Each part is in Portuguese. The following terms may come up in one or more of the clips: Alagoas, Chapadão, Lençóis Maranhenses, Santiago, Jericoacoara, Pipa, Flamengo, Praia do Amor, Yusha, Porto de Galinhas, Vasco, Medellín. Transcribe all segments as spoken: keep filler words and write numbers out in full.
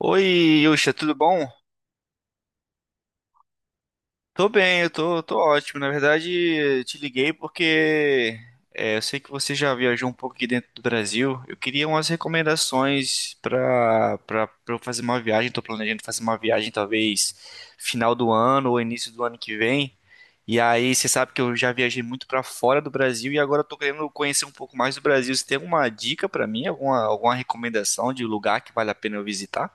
Oi, Yusha, tudo bom? Tô bem, eu tô, tô ótimo. Na verdade, te liguei porque é, eu sei que você já viajou um pouco aqui dentro do Brasil. Eu queria umas recomendações pra, pra, pra eu fazer uma viagem. Tô planejando fazer uma viagem talvez final do ano ou início do ano que vem. E aí, você sabe que eu já viajei muito pra fora do Brasil e agora eu tô querendo conhecer um pouco mais do Brasil. Você tem alguma dica pra mim? Alguma, alguma recomendação de lugar que vale a pena eu visitar?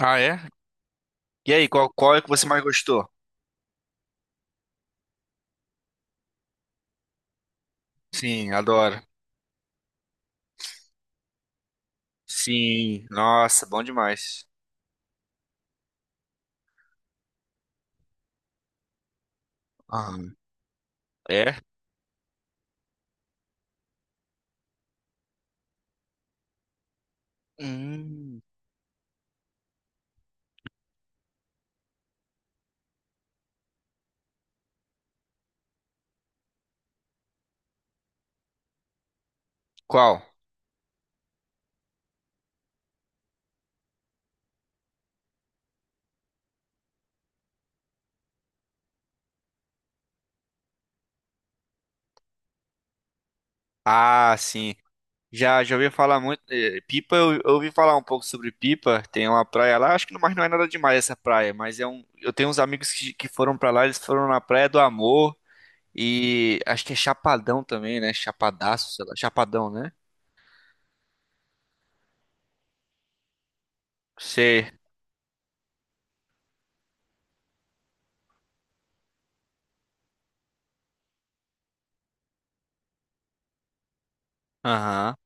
Ah, é? E aí, qual, qual é que você mais gostou? Sim, adoro. Sim, nossa, bom demais. Ah, é? Hum, qual? Ah, sim. Já, já ouvi falar muito. eh, Pipa, eu, eu ouvi falar um pouco sobre Pipa. Tem uma praia lá, acho que não, mas não é nada demais essa praia. Mas é um, eu tenho uns amigos que, que foram pra lá, eles foram na Praia do Amor. E acho que é Chapadão também, né? Chapadaço, sei lá. Chapadão, né? Sei. Aham.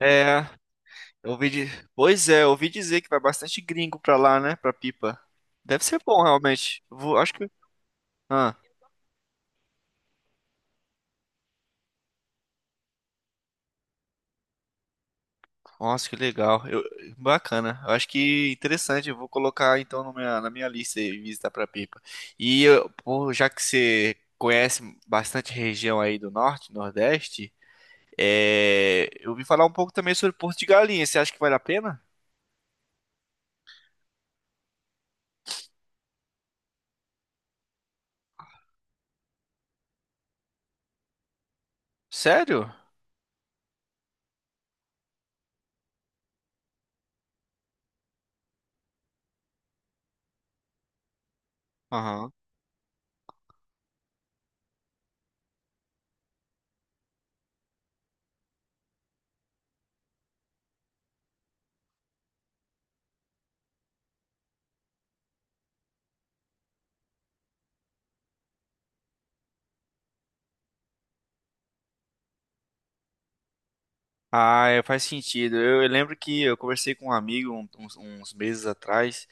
É, Eu ouvi di- Pois é, eu ouvi dizer que vai bastante gringo pra lá, né? Pra Pipa. Deve ser bom, realmente. Vou... Acho que. Ah, nossa, que legal. Eu... Bacana. Eu acho que interessante. Eu vou colocar então na minha, na minha lista aí, visitar pra Pipa. E eu- pô, já que você conhece bastante região aí do norte, nordeste, é... eu ouvi falar um pouco também sobre Porto de Galinhas. Você acha que vale a pena? Sério? Aham. Ah, é, faz sentido. Eu, eu lembro que eu conversei com um amigo um- uns, uns meses atrás.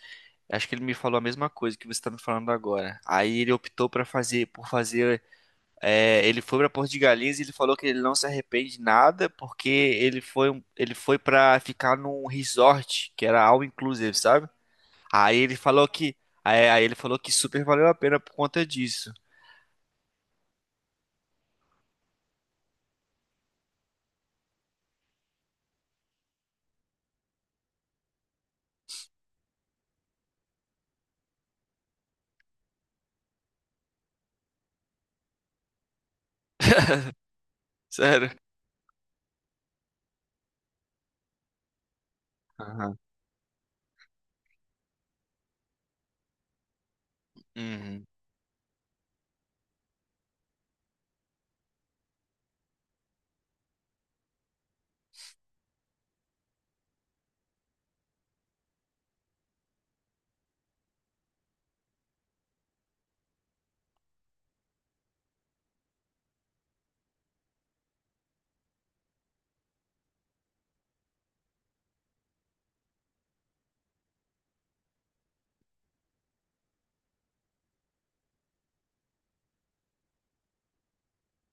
Acho que ele me falou a mesma coisa que você está me falando agora. Aí ele optou para fazer, por fazer. É, ele foi para Porto de Galinhas e ele falou que ele não se arrepende de nada porque ele foi, um- ele foi para ficar num resort que era all inclusive, sabe? Aí ele falou que, aí, aí ele falou que super valeu a pena por conta disso. Sério? Aham. Uhum.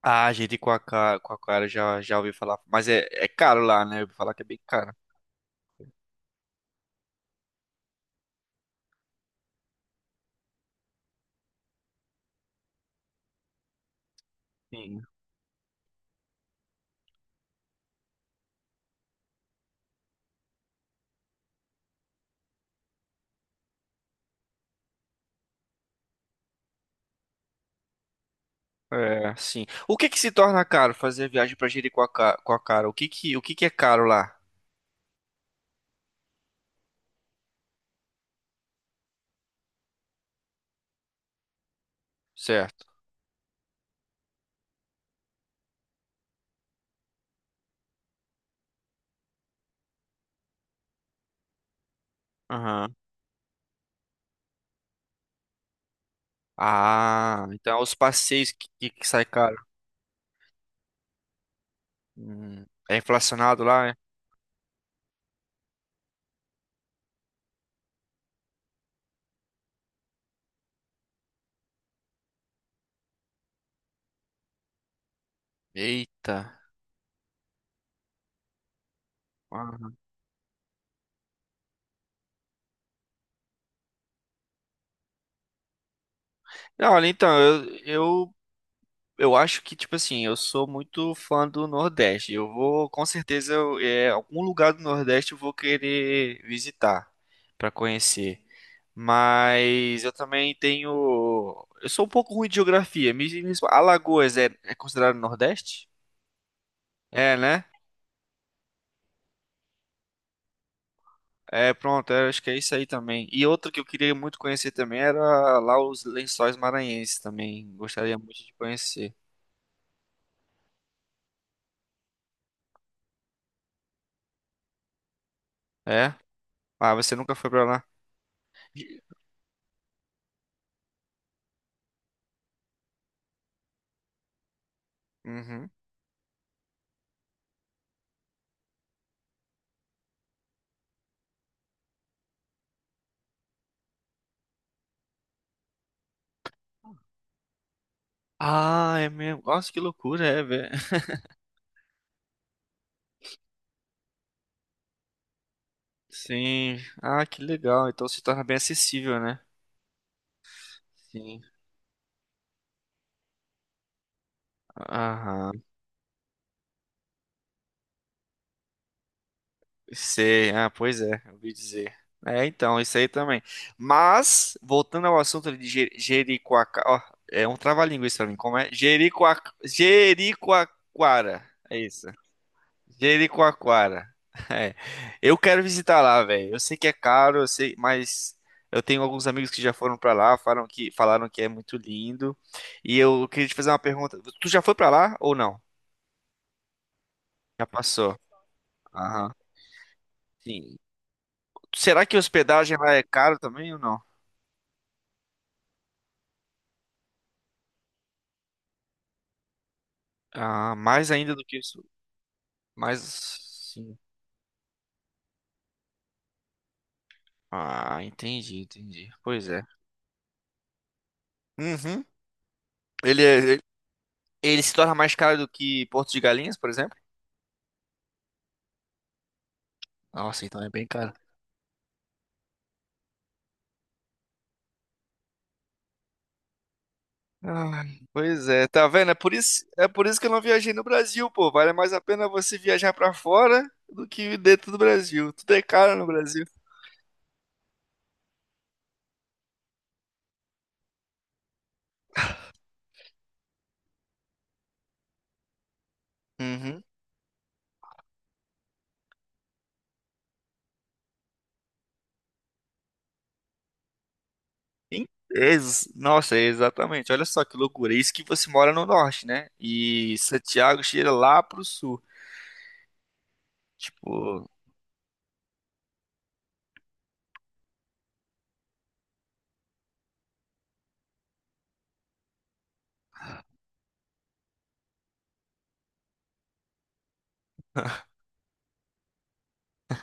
Ah, gente, com a cara já já ouvi falar, mas é, é caro lá, né? Eu ouvi falar que é bem caro. Sim. É, sim. O que que se torna caro fazer viagem pra Jericoacoara? O que que, o que que é caro lá? Certo. Aham. Ah, então é os passeios que, que, que sai caro. Hum, é inflacionado lá, é? Eita. Aham. Não, olha, então, eu, eu acho que, tipo assim, eu sou muito fã do Nordeste. Eu vou, com certeza, eu- é, algum lugar do Nordeste eu vou querer visitar pra conhecer. Mas eu também tenho. Eu sou um pouco ruim de geografia. Me- me- Alagoas é, é considerado Nordeste? É, né? É, pronto, eu acho que é isso aí também. E outra que eu queria muito conhecer também era lá os Lençóis Maranhenses também. Gostaria muito de conhecer. É? Ah, você nunca foi pra lá? Uhum. Ah, é mesmo. Nossa, que loucura, é, velho. Sim. Ah, que legal. Então se torna bem acessível, né? Sim. Aham. Sei. Ah, pois é, eu ouvi dizer. É, então, isso aí também. Mas, voltando ao assunto de Je- Jericoacoara. Ó, é um trava-língua isso pra mim. Como é? Jericoa... Jericoacoara. É isso. Jericoacoara. É. Eu quero visitar lá, velho. Eu sei que é caro, eu sei, mas eu tenho alguns amigos que já foram pra lá, falaram que falaram que é muito lindo. E eu queria te fazer uma pergunta. Tu já foi pra lá ou não? Já passou. Aham. Sim. Será que hospedagem lá é caro também ou não? Ah, mais ainda do que isso. Mais sim. Ah, entendi, entendi. Pois é. Uhum. Ele, ele, ele se torna mais caro do que Porto de Galinhas, por exemplo? Nossa, então é bem caro. Ah, pois é, tá vendo? É por isso, é por isso que eu não viajei no Brasil, pô. Vale mais a pena você viajar pra fora do que dentro do Brasil. Tudo é caro no Brasil. Uhum. Em- ex- Nossa, exatamente. Olha só que loucura. Isso que você mora no norte, né? E Santiago cheira lá pro sul. Tipo,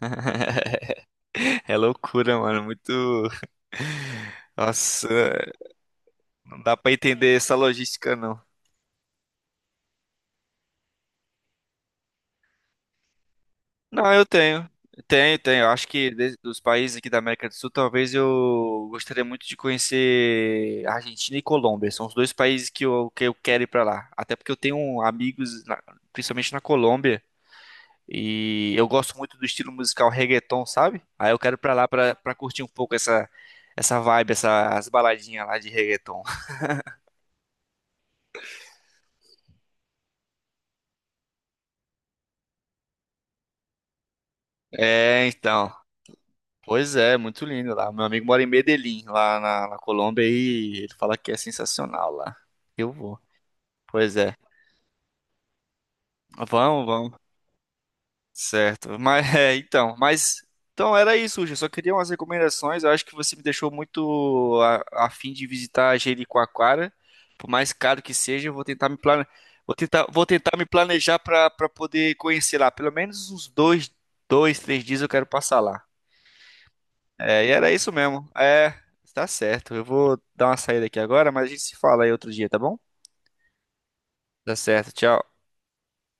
é loucura, mano. Muito. Nossa, não dá pra entender essa logística, não. Não, eu tenho. Tenho, tenho. Eu acho que des- dos países aqui da América do Sul, talvez eu gostaria muito de conhecer Argentina e Colômbia. São os dois países que eu, que eu quero ir pra lá. Até porque eu tenho amigos, na- principalmente na Colômbia, e eu gosto muito do estilo musical reggaeton, sabe? Aí eu quero ir pra lá pra, pra curtir um pouco essa, essa vibe, essas baladinhas lá de reggaeton. É, então. Pois é, muito lindo lá. Meu amigo mora em Medellín, lá na, na Colômbia, e ele fala que é sensacional lá. Eu vou. Pois é. Vamos, vamos. Certo. Mas é, então, mas então era isso, Uja. Só queria umas recomendações. Eu acho que você me deixou muito a, a fim de visitar Jericoacoara. Por mais caro que seja, eu vou tentar me plane... vou tentar, vou tentar me planejar para para poder conhecer lá. Pelo menos uns dois, dois, três dias eu quero passar lá. É, e era isso mesmo. É, tá certo. Eu vou dar uma saída aqui agora, mas a gente se fala aí outro dia, tá bom? Tá certo. Tchau.